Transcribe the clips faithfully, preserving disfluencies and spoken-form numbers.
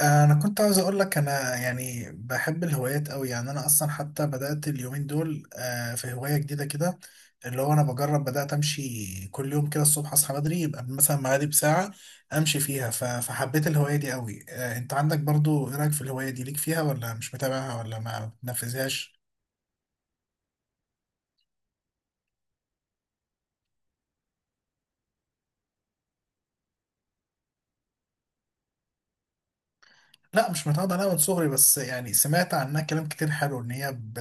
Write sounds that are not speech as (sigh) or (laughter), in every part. انا كنت عاوز اقول لك، انا يعني بحب الهوايات قوي. يعني انا اصلا حتى بدات اليومين دول آه، في هوايه جديده كده، اللي هو انا بجرب بدات امشي كل يوم. كده الصبح اصحى بدري يبقى مثلا معادي بساعه امشي فيها. ف- فحبيت الهوايه دي قوي. آه، انت عندك برضو، ايه رايك في الهوايه دي؟ ليك فيها ولا مش متابعها ولا ما بتنفذهاش؟ لا، مش متعود عليها من صغري، بس يعني سمعت عنها كلام كتير حلو. ان هي ب...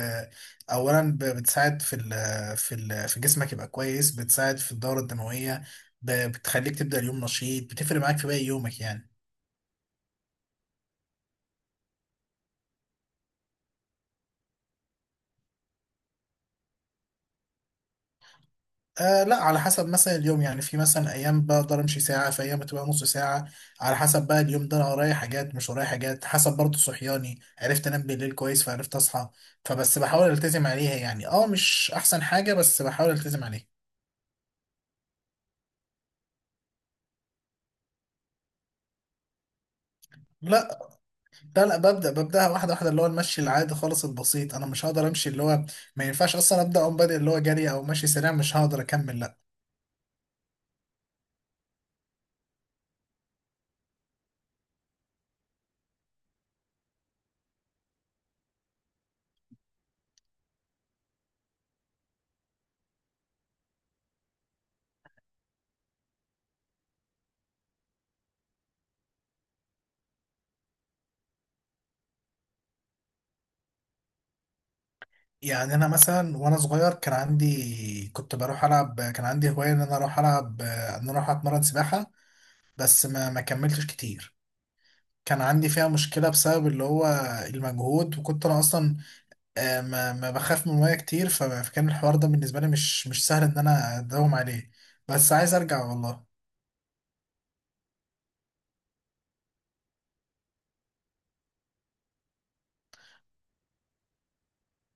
اولا ب... بتساعد في ال... في ال... في جسمك يبقى كويس، بتساعد في الدورة الدموية. ب... بتخليك تبدأ اليوم نشيط، بتفرق معاك في باقي يومك يعني. آه لا، على حسب. مثلا اليوم يعني، في مثلا ايام بقدر امشي ساعة، في ايام بتبقى نص ساعة. على حسب بقى اليوم ده، انا ورايا حاجات مش ورايا حاجات، حسب برضه صحياني، عرفت انام بالليل كويس فعرفت اصحى. فبس بحاول التزم عليها يعني. اه مش احسن حاجة، بس بحاول التزم عليها. لا. لا لا، ببدأ ببدأها واحدة واحدة، اللي هو المشي العادي خالص البسيط. أنا مش هقدر أمشي اللي هو، ما ينفعش أصلا أبدأ أقوم بادئ اللي هو جري أو مشي سريع، مش هقدر أكمل. لا. يعني أنا مثلا وأنا صغير كان عندي، كنت بروح ألعب، كان عندي هواية إن أنا أروح ألعب، إن أنا أروح أتمرن سباحة، بس ما ما كملتش كتير. كان عندي فيها مشكلة بسبب اللي هو المجهود، وكنت أنا أصلا آه، ما ما بخاف من المية كتير، فكان الحوار ده بالنسبة لي مش مش سهل إن أنا أداوم عليه. بس عايز أرجع والله.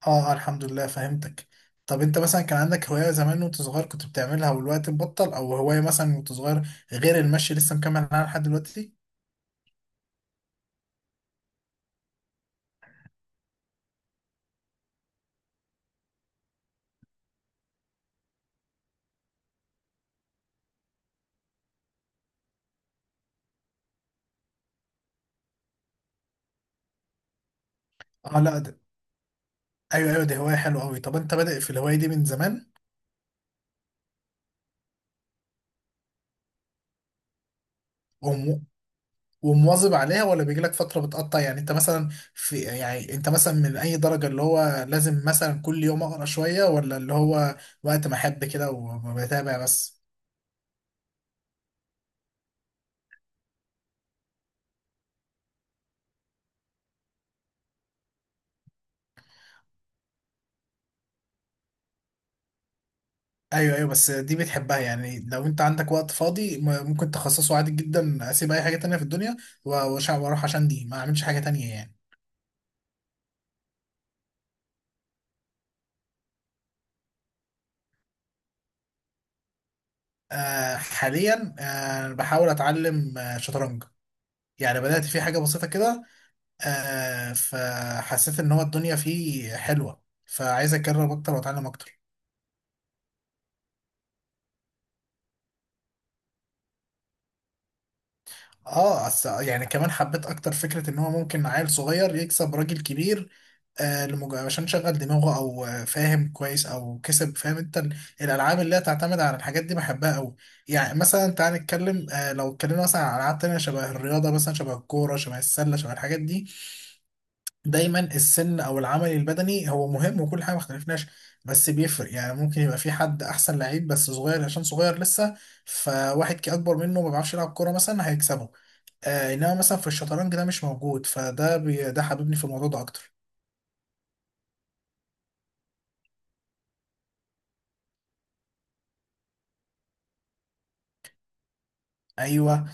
اه. آه، الحمد لله فهمتك. طب انت مثلا كان عندك هواية زمان وانت صغير كنت بتعملها والوقت بطل، او هواية مثلا وانت صغير غير المشي لسه مكمل معاها لحد دلوقتي؟ اه لا ده. ايوه ايوه، دي هواية حلوة قوي. طب انت بادئ في الهواية دي من زمان وم- ومواظب عليها، ولا بيجيلك فترة بتقطع يعني؟ انت مثلا في، يعني انت مثلا من اي درجة؟ اللي هو لازم مثلا كل يوم اقرا شوية، ولا اللي هو وقت ما احب كده وبتابع بس؟ ايوه ايوه. بس دي بتحبها يعني، لو انت عندك وقت فاضي م- ممكن تخصصه عادي جدا، اسيب اي حاجه تانية في الدنيا و- وأش- واروح، عشان دي ما اعملش حاجه تانية يعني. آه حاليا آه بحاول اتعلم آه شطرنج. يعني بدات في حاجه بسيطه كده. آه فحسيت ان هو الدنيا فيه حلوه، فعايز اجرب اكتر واتعلم اكتر. اه. أص- يعني كمان حبيت اكتر فكره ان هو ممكن عيل صغير يكسب راجل كبير، آه، لمج... عشان شغل دماغه، او آه، فاهم كويس، او كسب. فاهم انت ال- الالعاب اللي هي تعتمد على الحاجات دي بحبها قوي. يعني مثلا تعال نتكلم، آه، لو اتكلمنا مثلا عن العاب تانية شبه الرياضه، مثلا شبه الكوره شبه السله شبه الحاجات دي، دايما السن او العمل البدني هو مهم وكل حاجه، ما اختلفناش. بس بيفرق يعني، ممكن يبقى في حد احسن لعيب بس صغير، عشان صغير لسه، فواحد كي اكبر منه ما بيعرفش يلعب كوره مثلا هيكسبه. آه انما مثلا في الشطرنج ده مش موجود، فده بي... ده حببني في الموضوع ده اكتر. ايوه.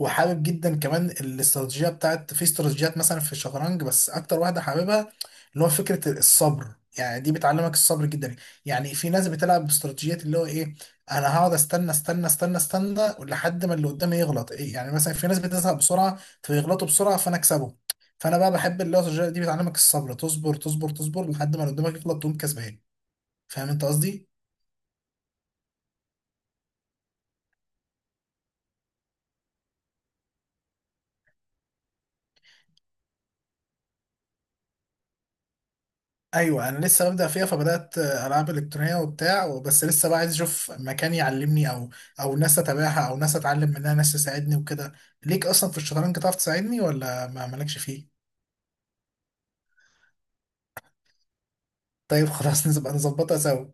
وحابب جدا كمان الاستراتيجيه بتاعت، في استراتيجيات مثلا في الشطرنج، بس اكتر واحده حاببها اللي هو فكره الصبر. يعني دي بتعلمك الصبر جدا. يعني في ناس بتلعب باستراتيجيات اللي هو ايه؟ انا هقعد استنى استنى استنى استنى لحد ما اللي قدامي يغلط. إيه يعني؟ مثلا في ناس بتزهق بسرعه فيغلطوا بسرعه، فانا اكسبه. فانا بقى بحب اللي هو الاستراتيجيه دي، بتعلمك الصبر، تصبر تصبر تصبر لحد ما اللي قدامك يغلط، تقوم كسبان. فاهم انت قصدي؟ ايوه، انا لسه ببدا فيها. فبدات العاب الكترونيه وبتاع، بس لسه بقى عايز اشوف مكان يعلمني، او او ناس اتابعها، او ناس اتعلم منها، ناس تساعدني وكده. ليك اصلا في الشطرنج، تعرف تساعدني، ولا ما مالكش فيه؟ طيب (laughs) خلاص، نبقى نظبطها سوا.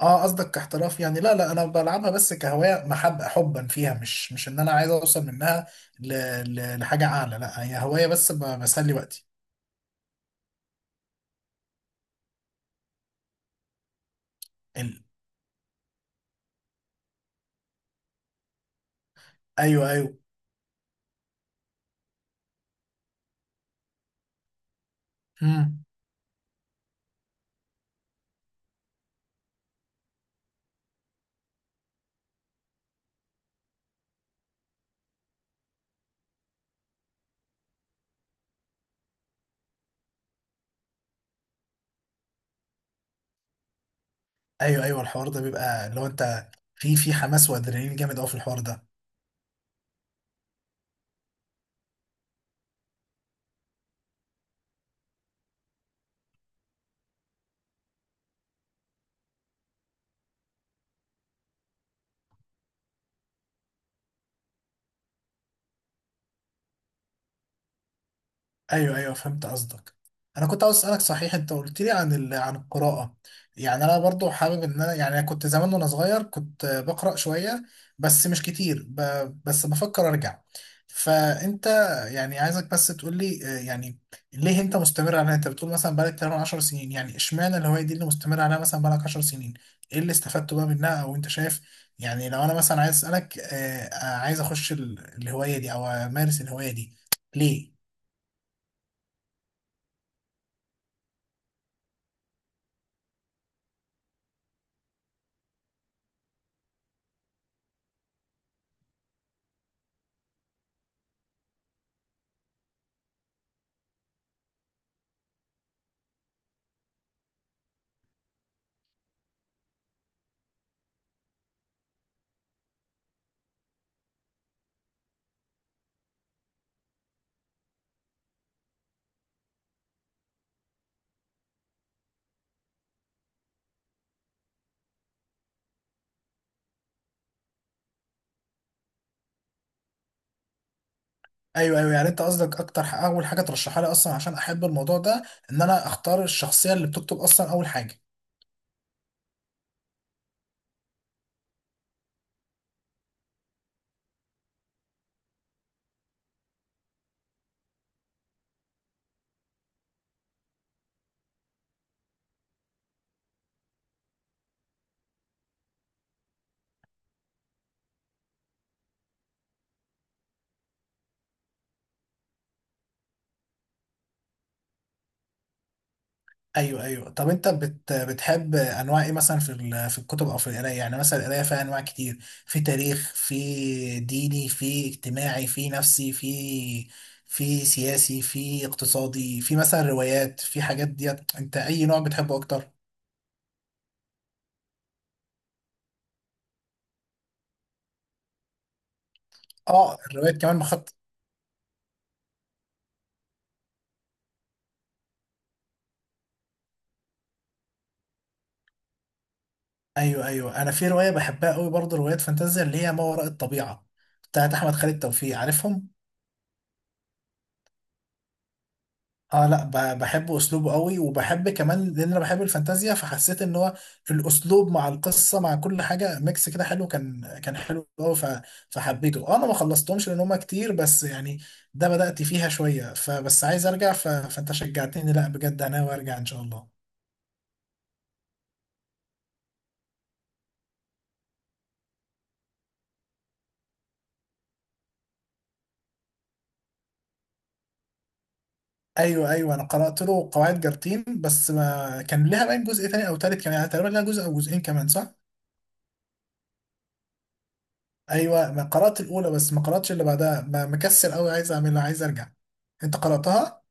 اه، قصدك كاحتراف يعني؟ لا لا، انا بلعبها بس كهوايه، محب حبا فيها، مش مش ان انا عايز اوصل منها ل... ل... لحاجه اعلى. لا، هي هوايه بس ب... بسلي وقتي. ال... ايوه ايوه. مم. ايوه ايوه، الحوار ده بيبقى اللي هو انت في في حماس وادرينالين جامد قوي في الحوار ده. ايوه ايوه، فهمت قصدك. انا كنت عاوز اسالك صحيح، انت قلت لي عن ال... عن القراءه. يعني انا برضو حابب ان انا، يعني أنا كنت زمان وانا صغير كنت بقرا شويه بس مش كتير، ب... بس بفكر ارجع. فانت، يعني عايزك بس تقول لي، آه، يعني ليه انت مستمر عليها؟ انت بتقول مثلا بقالك تقريبا 10 سنين، يعني اشمعنى الهوايه دي اللي مستمر عليها مثلا بقالك 10 سنين؟ ايه اللي استفدته بقى منها؟ او انت شايف يعني، لو انا مثلا عايز اسالك، آه، آه، عايز اخش ال- الهوايه دي او امارس الهوايه دي، ليه؟ ايوه ايوه، يعني انت قصدك اكتر، ح- اول حاجه ترشحها لي اصلا عشان احب الموضوع ده، ان انا اختار الشخصيه اللي بتكتب، اصلا اول حاجه. ايوه ايوه. طب انت بت بتحب انواع ايه مثلا في ال- في الكتب او في القرايه؟ يعني مثلا القرايه فيها انواع كتير، في تاريخ، في ديني، في اجتماعي، في نفسي، في في سياسي، في اقتصادي، في مثلا روايات، في حاجات ديت. انت اي نوع بتحبه اكتر؟ اه، الروايات كمان. ايوه ايوه، انا في روايه بحبها قوي برضه، روايات فانتازيا اللي هي ما وراء الطبيعه بتاعت احمد خالد توفيق، عارفهم؟ اه لا، ب- بحب اسلوبه قوي، وبحب كمان لان انا بحب الفانتازيا، فحسيت ان هو الاسلوب مع القصه مع كل حاجه ميكس كده حلو، كان كان حلو قوي ف- فحبيته. آه، انا ما خلصتهمش لان هما كتير بس يعني، ده بدأت فيها شويه، فبس عايز ارجع ف... فانت شجعتني. لا بجد انا وارجع ان شاء الله. ايوه ايوه، انا قرات له قواعد جارتين، بس ما كان لها باين جزء تاني او تالت كمان، يعني تقريبا لها جزء او جزئين كمان صح؟ ايوه، ما قرات الاولى بس ما قراتش اللي بعدها، ما مكسل قوي، عايز اعملها عايز ارجع. انت قراتها؟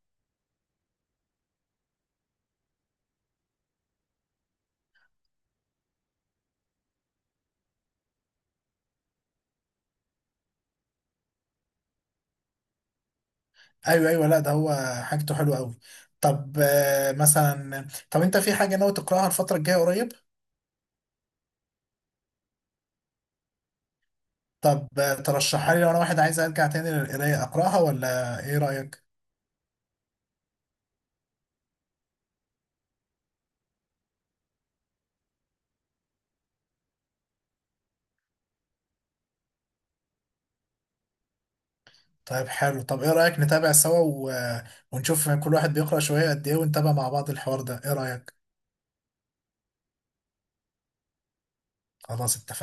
ايوه ايوه. لا ده هو حاجته حلوه قوي. طب آه، مثلا، طب انت في حاجه ناوي تقراها الفتره الجايه قريب؟ طب آه، ترشحها لي؟ لو انا واحد عايز ارجع تاني للقرايه اقراها، ولا ايه رايك؟ طيب حلو. طب ايه رايك نتابع سوا و... آه، ونشوف كل واحد بيقرا شويه قد ايه، ونتابع مع بعض الحوار ده، ايه رايك؟ خلاص، اتفقنا.